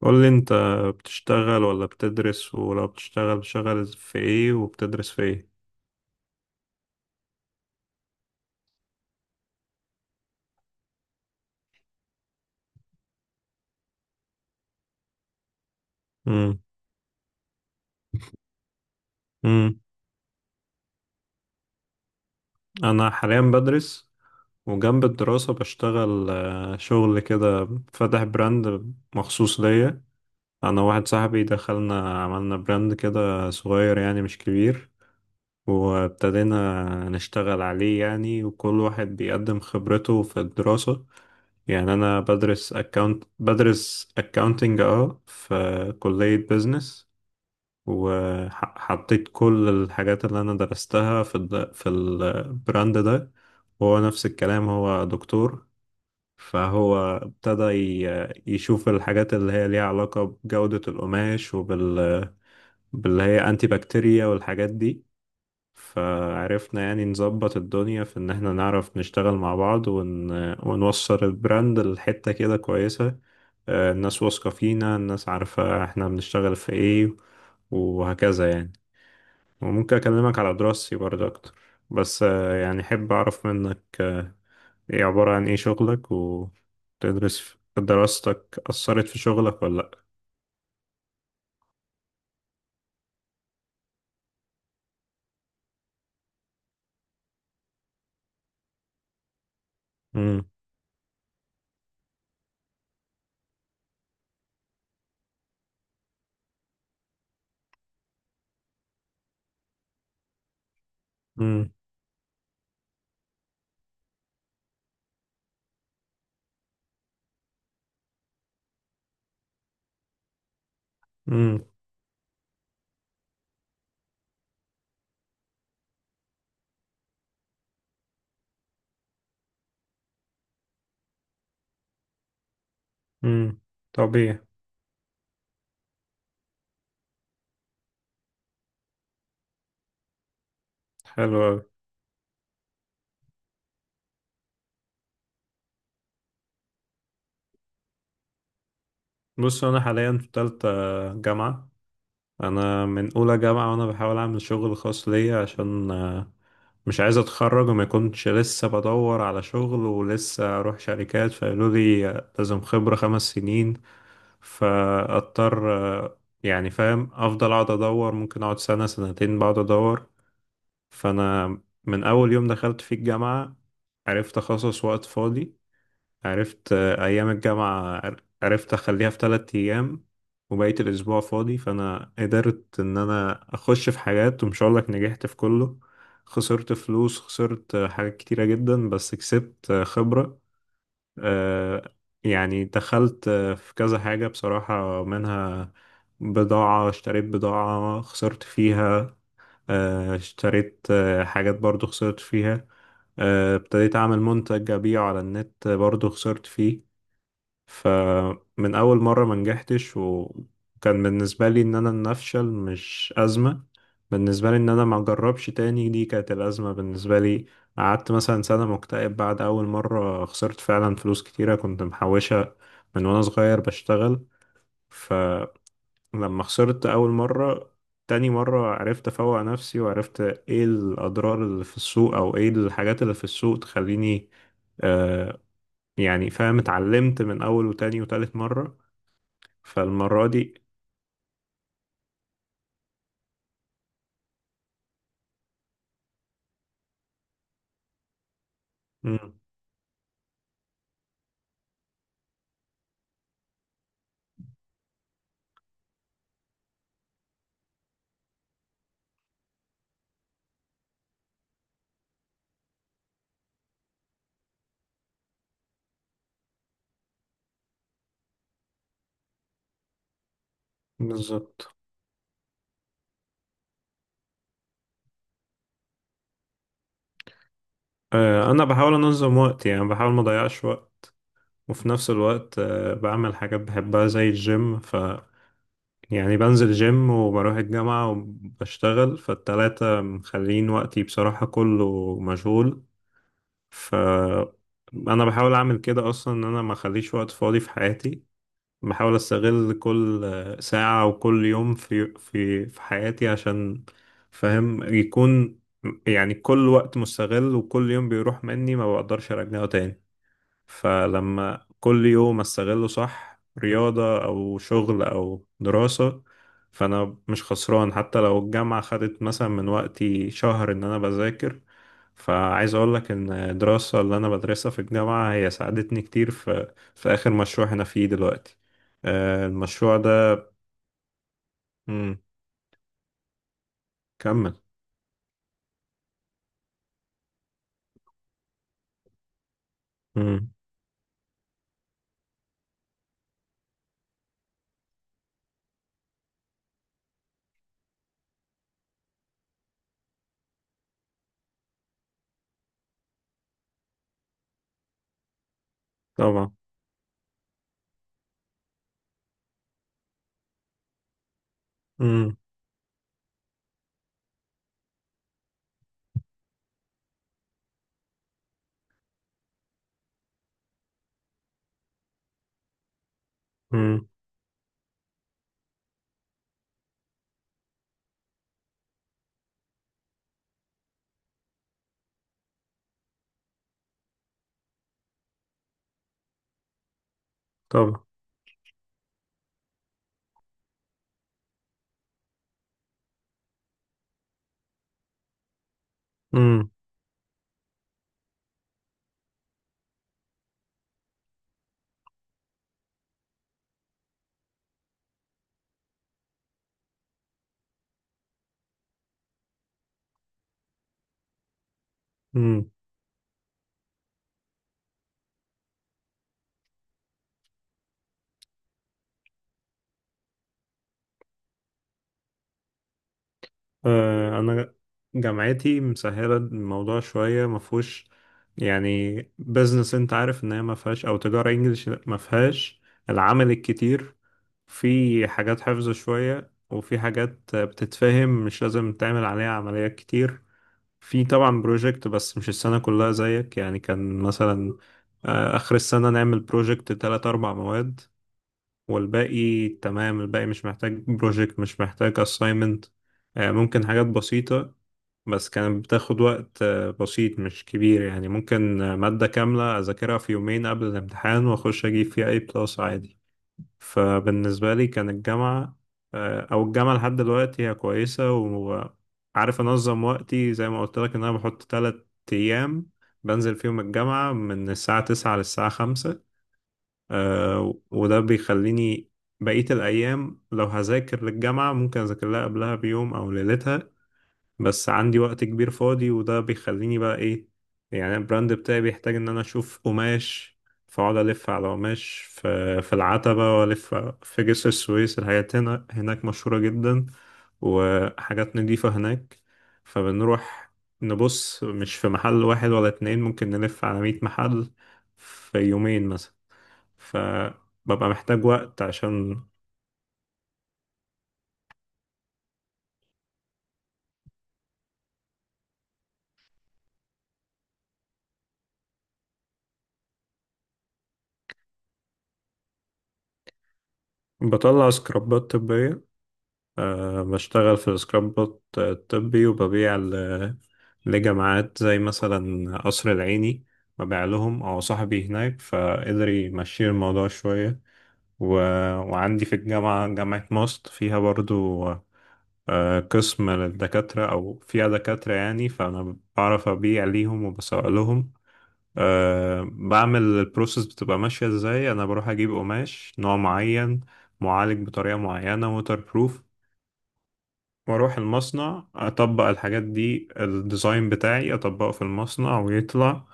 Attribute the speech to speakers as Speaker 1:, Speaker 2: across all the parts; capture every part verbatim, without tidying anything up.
Speaker 1: قول لي انت بتشتغل ولا بتدرس ولو بتشتغل، بتشتغل في ايه وبتدرس في ايه؟ امم امم انا حاليا بدرس، وجنب الدراسة بشتغل آه، شغل كده. فاتح براند مخصوص ليا. انا واحد صاحبي دخلنا عملنا براند كده صغير، يعني مش كبير، وابتدينا نشتغل عليه يعني. وكل واحد بيقدم خبرته في الدراسة. يعني انا بدرس اكاونت، بدرس اكاونتنج اه، في كلية بيزنس، وحطيت كل الحاجات اللي أنا درستها في الد- في البراند ده. وهو نفس الكلام، هو دكتور، فهو ابتدى ي- يشوف الحاجات اللي هي ليها علاقة بجودة القماش وبال باللي هي أنتي بكتيريا والحاجات دي. فعرفنا يعني نظبط الدنيا في إن احنا نعرف نشتغل مع بعض ون... ونوصل البراند لحتة كده كويسة. آه، الناس واثقة فينا، الناس عارفة احنا بنشتغل في ايه، وهكذا يعني. وممكن أكلمك على دراستي برضه أكتر، بس آه، يعني أحب أعرف منك آه، إيه عبارة عن إيه شغلك، وتدرس في- دراستك أثرت في شغلك ولا لأ؟ مم. مم. مم. مم. طبيعي. حلو أوي. بص، أنا حاليا في تالتة جامعة. أنا من أولى جامعة وأنا بحاول أعمل شغل خاص ليا، عشان آه، مش عايز أتخرج وما يكونش لسه بدور على شغل، ولسه أروح شركات فقالوا لي آه، لازم خبرة خمس سنين. فاضطر آه، يعني فاهم، افضل اقعد ادور، ممكن اقعد سنة سنتين بقعد ادور. فانا من اول يوم دخلت في الجامعة عرفت اخصص وقت فاضي. عرفت آه، ايام الجامعة عر- عرفت اخليها في ثلاث ايام وبقيت الاسبوع فاضي. فانا قدرت ان انا اخش في حاجات، ومش هقولك نجحت في كله. خسرت فلوس، خسرت آه، حاجات كتيرة جدا، بس كسبت آه، خبرة. آه، يعني دخلت آه، في كذا حاجة بصراحة، منها بضاعة. اشتريت بضاعة خسرت فيها. آه، اشتريت آه، حاجات برضو خسرت فيها. آه، ابتديت أعمل منتج أبيعه على النت، برضو خسرت فيه. فمن أول مرة ما نجحتش، وكان بالنسبة لي إن أنا إن أفشل مش أزمة. بالنسبة لي إن أنا ما أجربش تاني، دي كانت الأزمة بالنسبة لي. قعدت مثلا سنة مكتئب بعد أول مرة خسرت فعلا فلوس كتيرة، كنت محوشة من وأنا صغير بشتغل. فلما خسرت أول مرة، تاني مرة عرفت أفوق نفسي وعرفت إيه الأضرار اللي في السوق أو إيه الحاجات اللي في السوق تخليني آه يعني فاهم. اتعلمت من أول وتاني وتالت مرة. فالمرة دي. مم. بالظبط. آه، أنا بحاول أنظم وقتي، يعني بحاول ما أضيعش وقت. وفي نفس الوقت آه، بعمل حاجات بحبها زي الجيم ف يعني بنزل جيم وبروح الجامعة وبشتغل، فالتلاتة مخلين وقتي بصراحة كله مشغول. ف أنا بحاول أعمل كده أصلا، إن أنا ما أخليش وقت فاضي في حياتي. بحاول استغل كل ساعة وكل يوم في في في حياتي، عشان فاهم يكون يعني كل وقت مستغل. وكل يوم بيروح مني ما بقدرش ارجعه تاني. فلما كل يوم استغله صح، رياضة او شغل او دراسة، فانا مش خسران. حتى لو الجامعة خدت مثلا من وقتي شهر ان انا بذاكر، فعايز اقول لك ان الدراسة اللي انا بدرسها في الجامعة هي ساعدتني كتير في في اخر مشروع انا فيه دلوقتي. آه، المشروع ده. مم. كمل. مم. طبعا. مم. مم. طبعا. مم. مم. آه، انا جامعتي مسهله الموضوع شويه، ما فيهوش يعني بزنس، انت عارف ان هي ما فيهاش، او تجاره انجليش ما فيهاش العمل الكتير. في حاجات حفظ شويه، وفي حاجات بتتفهم مش لازم تعمل عليها عمليات كتير. في طبعا بروجكت، بس مش السنه كلها زيك يعني. كان مثلا آه، اخر السنه نعمل بروجكت تلات اربع مواد، والباقي تمام. الباقي مش محتاج بروجكت، مش محتاج assignment. آه، ممكن حاجات بسيطة، بس كانت بتاخد وقت آه، بسيط مش كبير يعني. ممكن آه، مادة كاملة أذاكرها في يومين قبل الامتحان وأخش أجيب فيها أي بلس عادي. فبالنسبة لي كان الجامعة آه، أو الجامعة لحد دلوقتي هي كويسة، وعارف أنظم وقتي زي ما قلت لك، إن أنا بحط تلات أيام بنزل فيهم الجامعة من الساعة تسعة للساعة خمسة. آه، وده بيخليني بقية الأيام لو هذاكر للجامعة، ممكن أذاكر لها قبلها بيوم أو ليلتها. بس عندي وقت كبير فاضي، وده بيخليني بقى ايه يعني. البراند بتاعي بيحتاج ان انا اشوف قماش، فاقعد الف على قماش في في العتبة، والف في جسر السويس. الحاجات هنا هناك مشهورة جدا، وحاجات نضيفة هناك. فبنروح نبص، مش في محل واحد ولا اتنين، ممكن نلف على مية محل في يومين مثلا. فببقى محتاج وقت عشان بطلع سكرابات طبية. أه، بشتغل في سكراب بوت آه، طبي، وببيع ل- لجامعات زي مثلا قصر العيني. ببيع لهم، أو صاحبي هناك فقدر يمشي الموضوع شوية و... وعندي في الجامعة، جامعة ماست فيها برضو أه قسم للدكاترة، أو فيها دكاترة يعني، فأنا بعرف أبيع ليهم وبسوق لهم. أه بعمل البروسيس بتبقى ماشية إزاي. أنا بروح أجيب قماش نوع معين، معالج بطريقة معينة ووتر بروف، واروح المصنع اطبق الحاجات دي، الديزاين بتاعي اطبقه في المصنع ويطلع.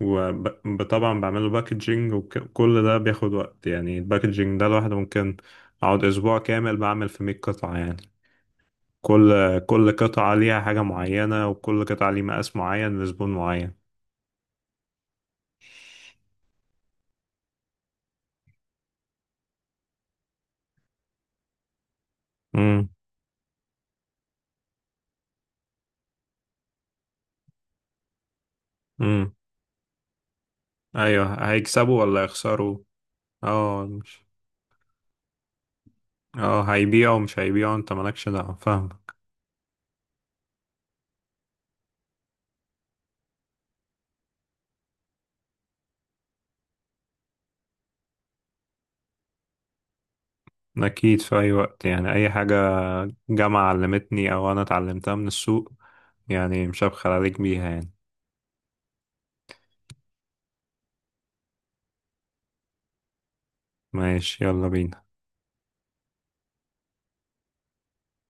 Speaker 1: وطبعا بعمله باكجينج، وكل ده بياخد وقت يعني. الباكجينج ده لوحده ممكن اقعد اسبوع كامل بعمل في مية قطعة يعني. كل كل قطعة ليها حاجة معينة، وكل قطعة ليها مقاس معين لزبون معين. امم امم ايوه، هيكسبوا ولا يخسروا. اه مش اه، هيبيعوا مش هيبيعوا، انت مالكش دعوة، فاهم. أكيد، في أي وقت يعني. أي حاجة جامعة علمتني أو أنا اتعلمتها من السوق، يعني مش هبخل عليك بيها يعني. ماشي، يلا بينا.